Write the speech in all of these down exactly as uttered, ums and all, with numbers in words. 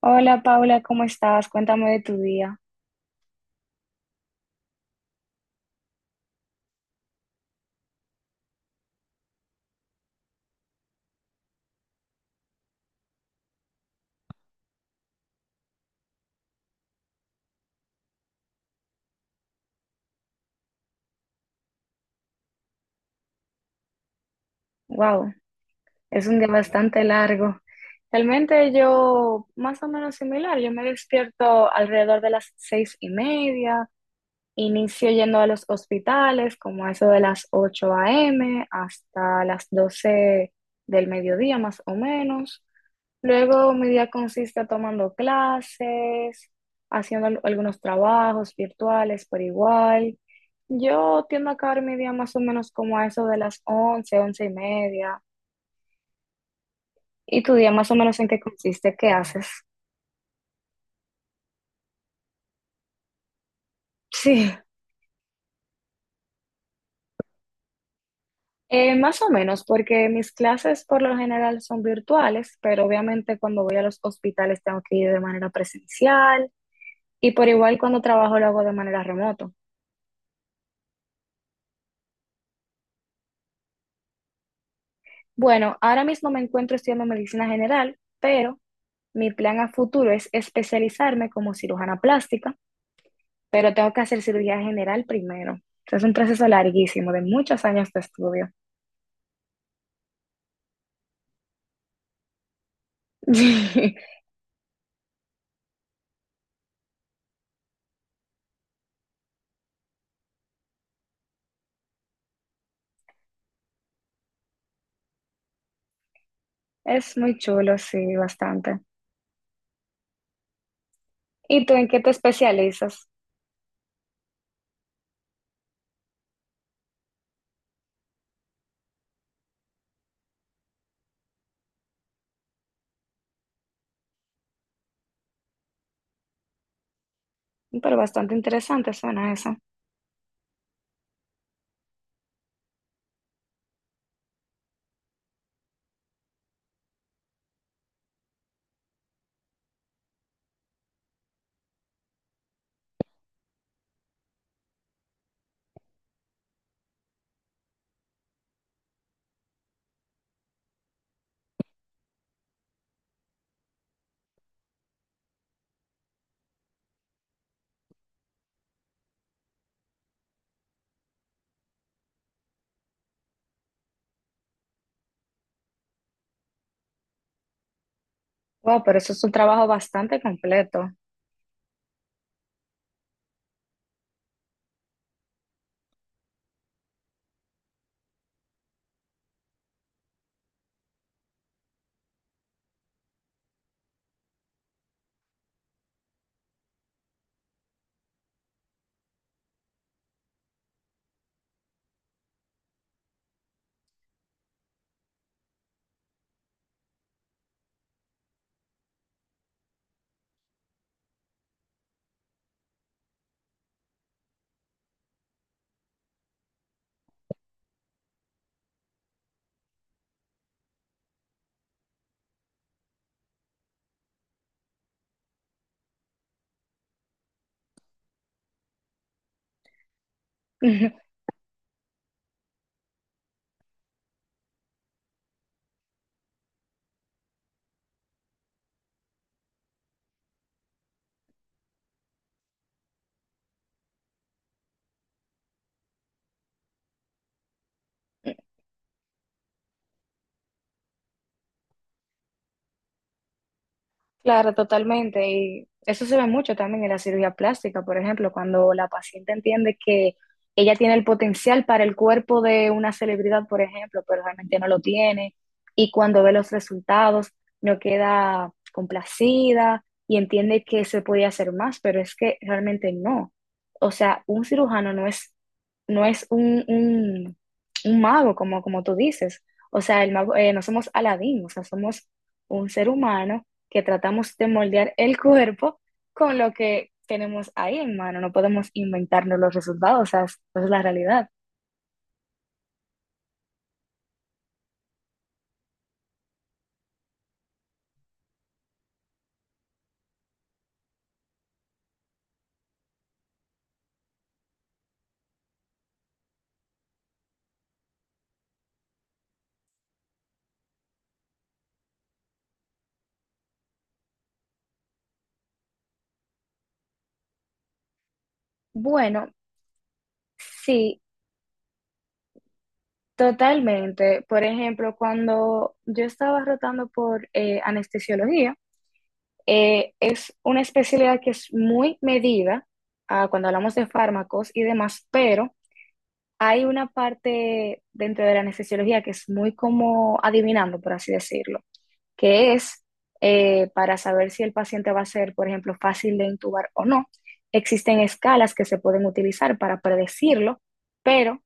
Hola Paula, ¿cómo estás? Cuéntame de tu día. Wow, es un día bastante largo. Realmente yo, más o menos similar, yo me despierto alrededor de las seis y media, inicio yendo a los hospitales como a eso de las ocho de la mañana hasta las doce del mediodía más o menos. Luego mi día consiste tomando clases, haciendo al- algunos trabajos virtuales por igual. Yo tiendo a acabar mi día más o menos como a eso de las once once y media. ¿Y tu día más o menos en qué consiste? ¿Qué haces? Sí, eh, más o menos, porque mis clases por lo general son virtuales, pero obviamente cuando voy a los hospitales tengo que ir de manera presencial y por igual cuando trabajo lo hago de manera remoto. Bueno, ahora mismo me encuentro estudiando medicina general, pero mi plan a futuro es especializarme como cirujana plástica, pero tengo que hacer cirugía general primero. Es un proceso larguísimo, de muchos años de estudio. Es muy chulo, sí, bastante. ¿Y tú en qué te especializas? Pero bastante interesante suena eso. Wow, pero eso es un trabajo bastante completo. Claro, totalmente. Y eso se ve mucho también en la cirugía plástica, por ejemplo, cuando la paciente entiende que ella tiene el potencial para el cuerpo de una celebridad, por ejemplo, pero realmente no lo tiene, y cuando ve los resultados no queda complacida y entiende que se podía hacer más, pero es que realmente no. O sea, un cirujano no es, no es un, un, un mago, como, como tú dices. O sea, el mago, eh, no somos Aladín, o sea, somos un ser humano que tratamos de moldear el cuerpo con lo que tenemos ahí en mano. No podemos inventarnos los resultados, o sea, es, es la realidad. Bueno, sí, totalmente. Por ejemplo, cuando yo estaba rotando por eh, anestesiología, eh, es una especialidad que es muy medida ah, cuando hablamos de fármacos y demás, pero hay una parte dentro de la anestesiología que es muy como adivinando, por así decirlo. Que es eh, para saber si el paciente va a ser, por ejemplo, fácil de intubar o no. Existen escalas que se pueden utilizar para predecirlo, pero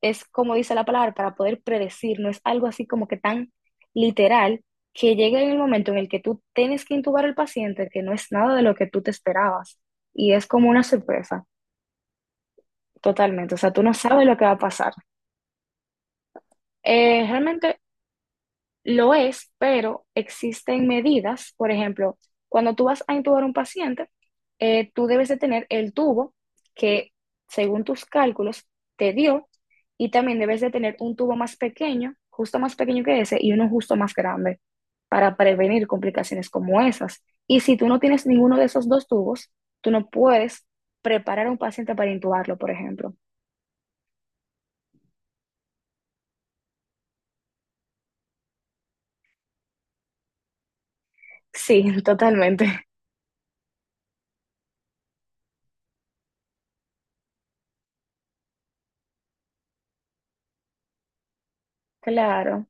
es como dice la palabra, para poder predecir, no es algo así como que tan literal, que llegue en el momento en el que tú tienes que intubar al paciente, que no es nada de lo que tú te esperabas. Y es como una sorpresa, totalmente. O sea, tú no sabes lo que va a pasar. Eh, realmente lo es, pero existen medidas, por ejemplo, cuando tú vas a intubar a un paciente, eh, tú debes de tener el tubo que, según tus cálculos, te dio, y también debes de tener un tubo más pequeño, justo más pequeño que ese, y uno justo más grande para prevenir complicaciones como esas. Y si tú no tienes ninguno de esos dos tubos, tú no puedes preparar a un paciente para intubarlo, por ejemplo. Sí, totalmente. Claro.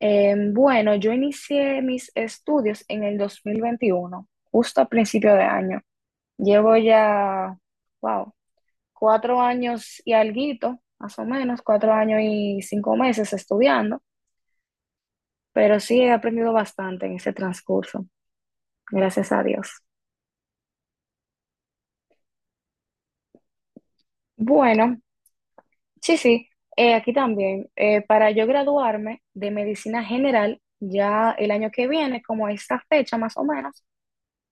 Eh, bueno, yo inicié mis estudios en el dos mil veintiuno, justo a principio de año. Llevo ya, wow, cuatro años y alguito, más o menos, cuatro años y cinco meses estudiando, pero sí he aprendido bastante en ese transcurso, gracias a Dios. Bueno, sí, sí, eh, aquí también, eh, para yo graduarme de medicina general, ya el año que viene, como a esta fecha más o menos,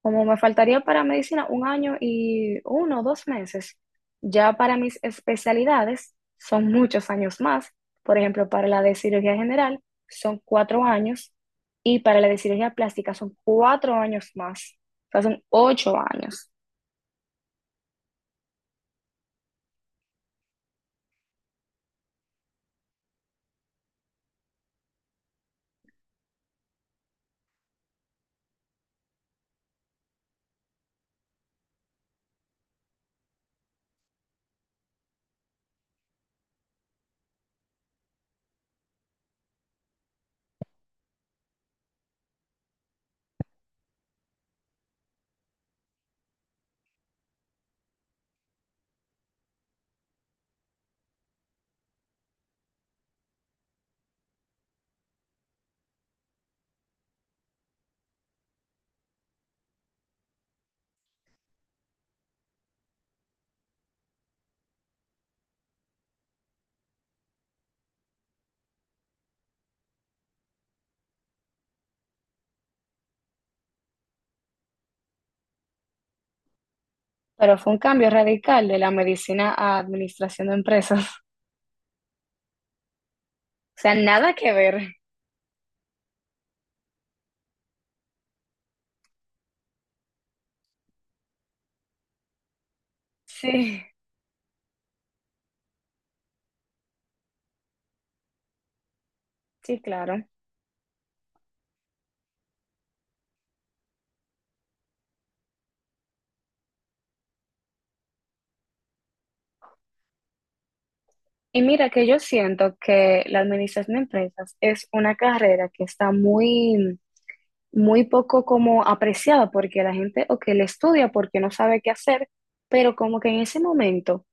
como me faltaría para medicina un año y uno o dos meses, ya para mis especialidades son muchos años más. Por ejemplo, para la de cirugía general son cuatro años, y para la de cirugía plástica son cuatro años más. O sea, son ocho años. Pero fue un cambio radical de la medicina a administración de empresas. O sea, nada que ver. Sí, sí, claro. Y mira que yo siento que la administración de empresas es una carrera que está muy muy poco como apreciada porque la gente o que le estudia porque no sabe qué hacer, pero como que en ese momento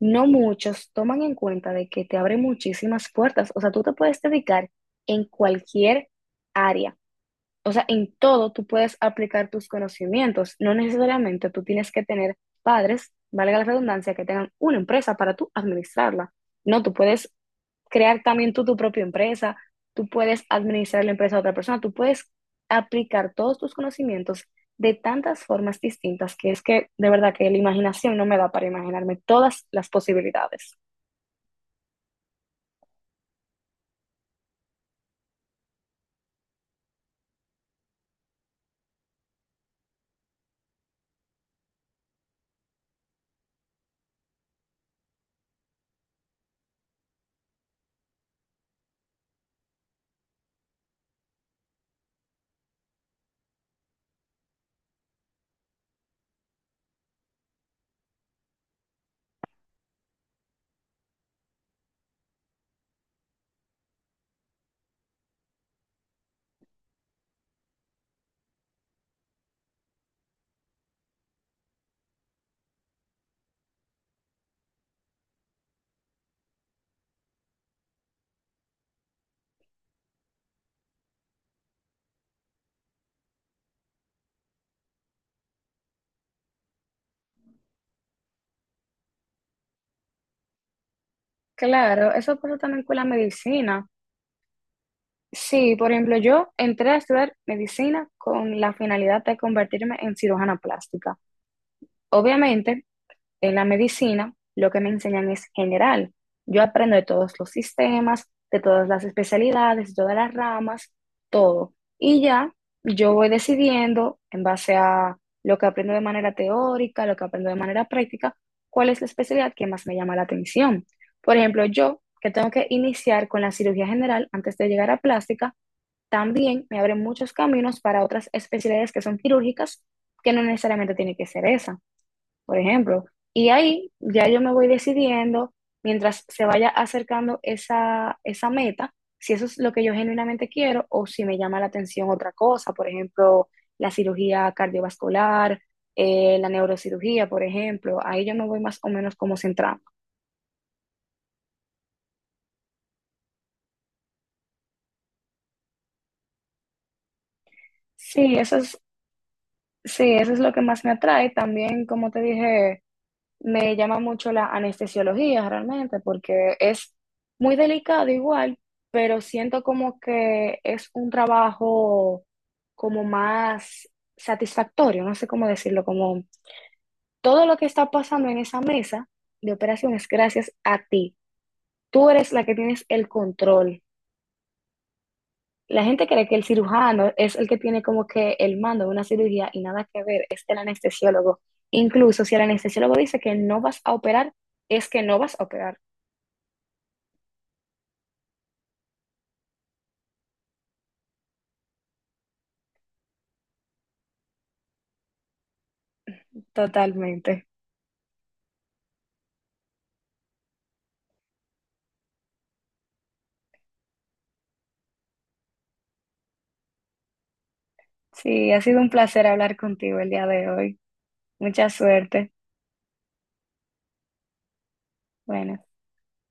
no muchos toman en cuenta de que te abre muchísimas puertas. O sea, tú te puedes dedicar en cualquier área. O sea, en todo tú puedes aplicar tus conocimientos. No necesariamente tú tienes que tener padres, valga la redundancia, que tengan una empresa para tú administrarla. No, tú puedes crear también tú tu propia empresa, tú puedes administrar la empresa a otra persona, tú puedes aplicar todos tus conocimientos de tantas formas distintas que es que de verdad que la imaginación no me da para imaginarme todas las posibilidades. Claro, eso pasa también con la medicina. Sí, por ejemplo, yo entré a estudiar medicina con la finalidad de convertirme en cirujana plástica. Obviamente, en la medicina, lo que me enseñan es general. Yo aprendo de todos los sistemas, de todas las especialidades, de todas las ramas, todo. Y ya yo voy decidiendo en base a lo que aprendo de manera teórica, lo que aprendo de manera práctica, cuál es la especialidad que más me llama la atención. Por ejemplo, yo que tengo que iniciar con la cirugía general antes de llegar a plástica, también me abre muchos caminos para otras especialidades que son quirúrgicas, que no necesariamente tiene que ser esa, por ejemplo. Y ahí ya yo me voy decidiendo, mientras se vaya acercando esa, esa meta, si eso es lo que yo genuinamente quiero o si me llama la atención otra cosa, por ejemplo, la cirugía cardiovascular, eh, la neurocirugía, por ejemplo. Ahí yo me voy más o menos como centrando. Sí, eso es, sí, eso es lo que más me atrae. También, como te dije, me llama mucho la anestesiología realmente, porque es muy delicado igual, pero siento como que es un trabajo como más satisfactorio, no sé cómo decirlo, como todo lo que está pasando en esa mesa de operaciones gracias a ti. Tú eres la que tienes el control. La gente cree que el cirujano es el que tiene como que el mando de una cirugía y nada que ver, es el anestesiólogo. Incluso si el anestesiólogo dice que no vas a operar, es que no vas a operar. Totalmente. Sí, ha sido un placer hablar contigo el día de hoy. Mucha suerte. Bueno.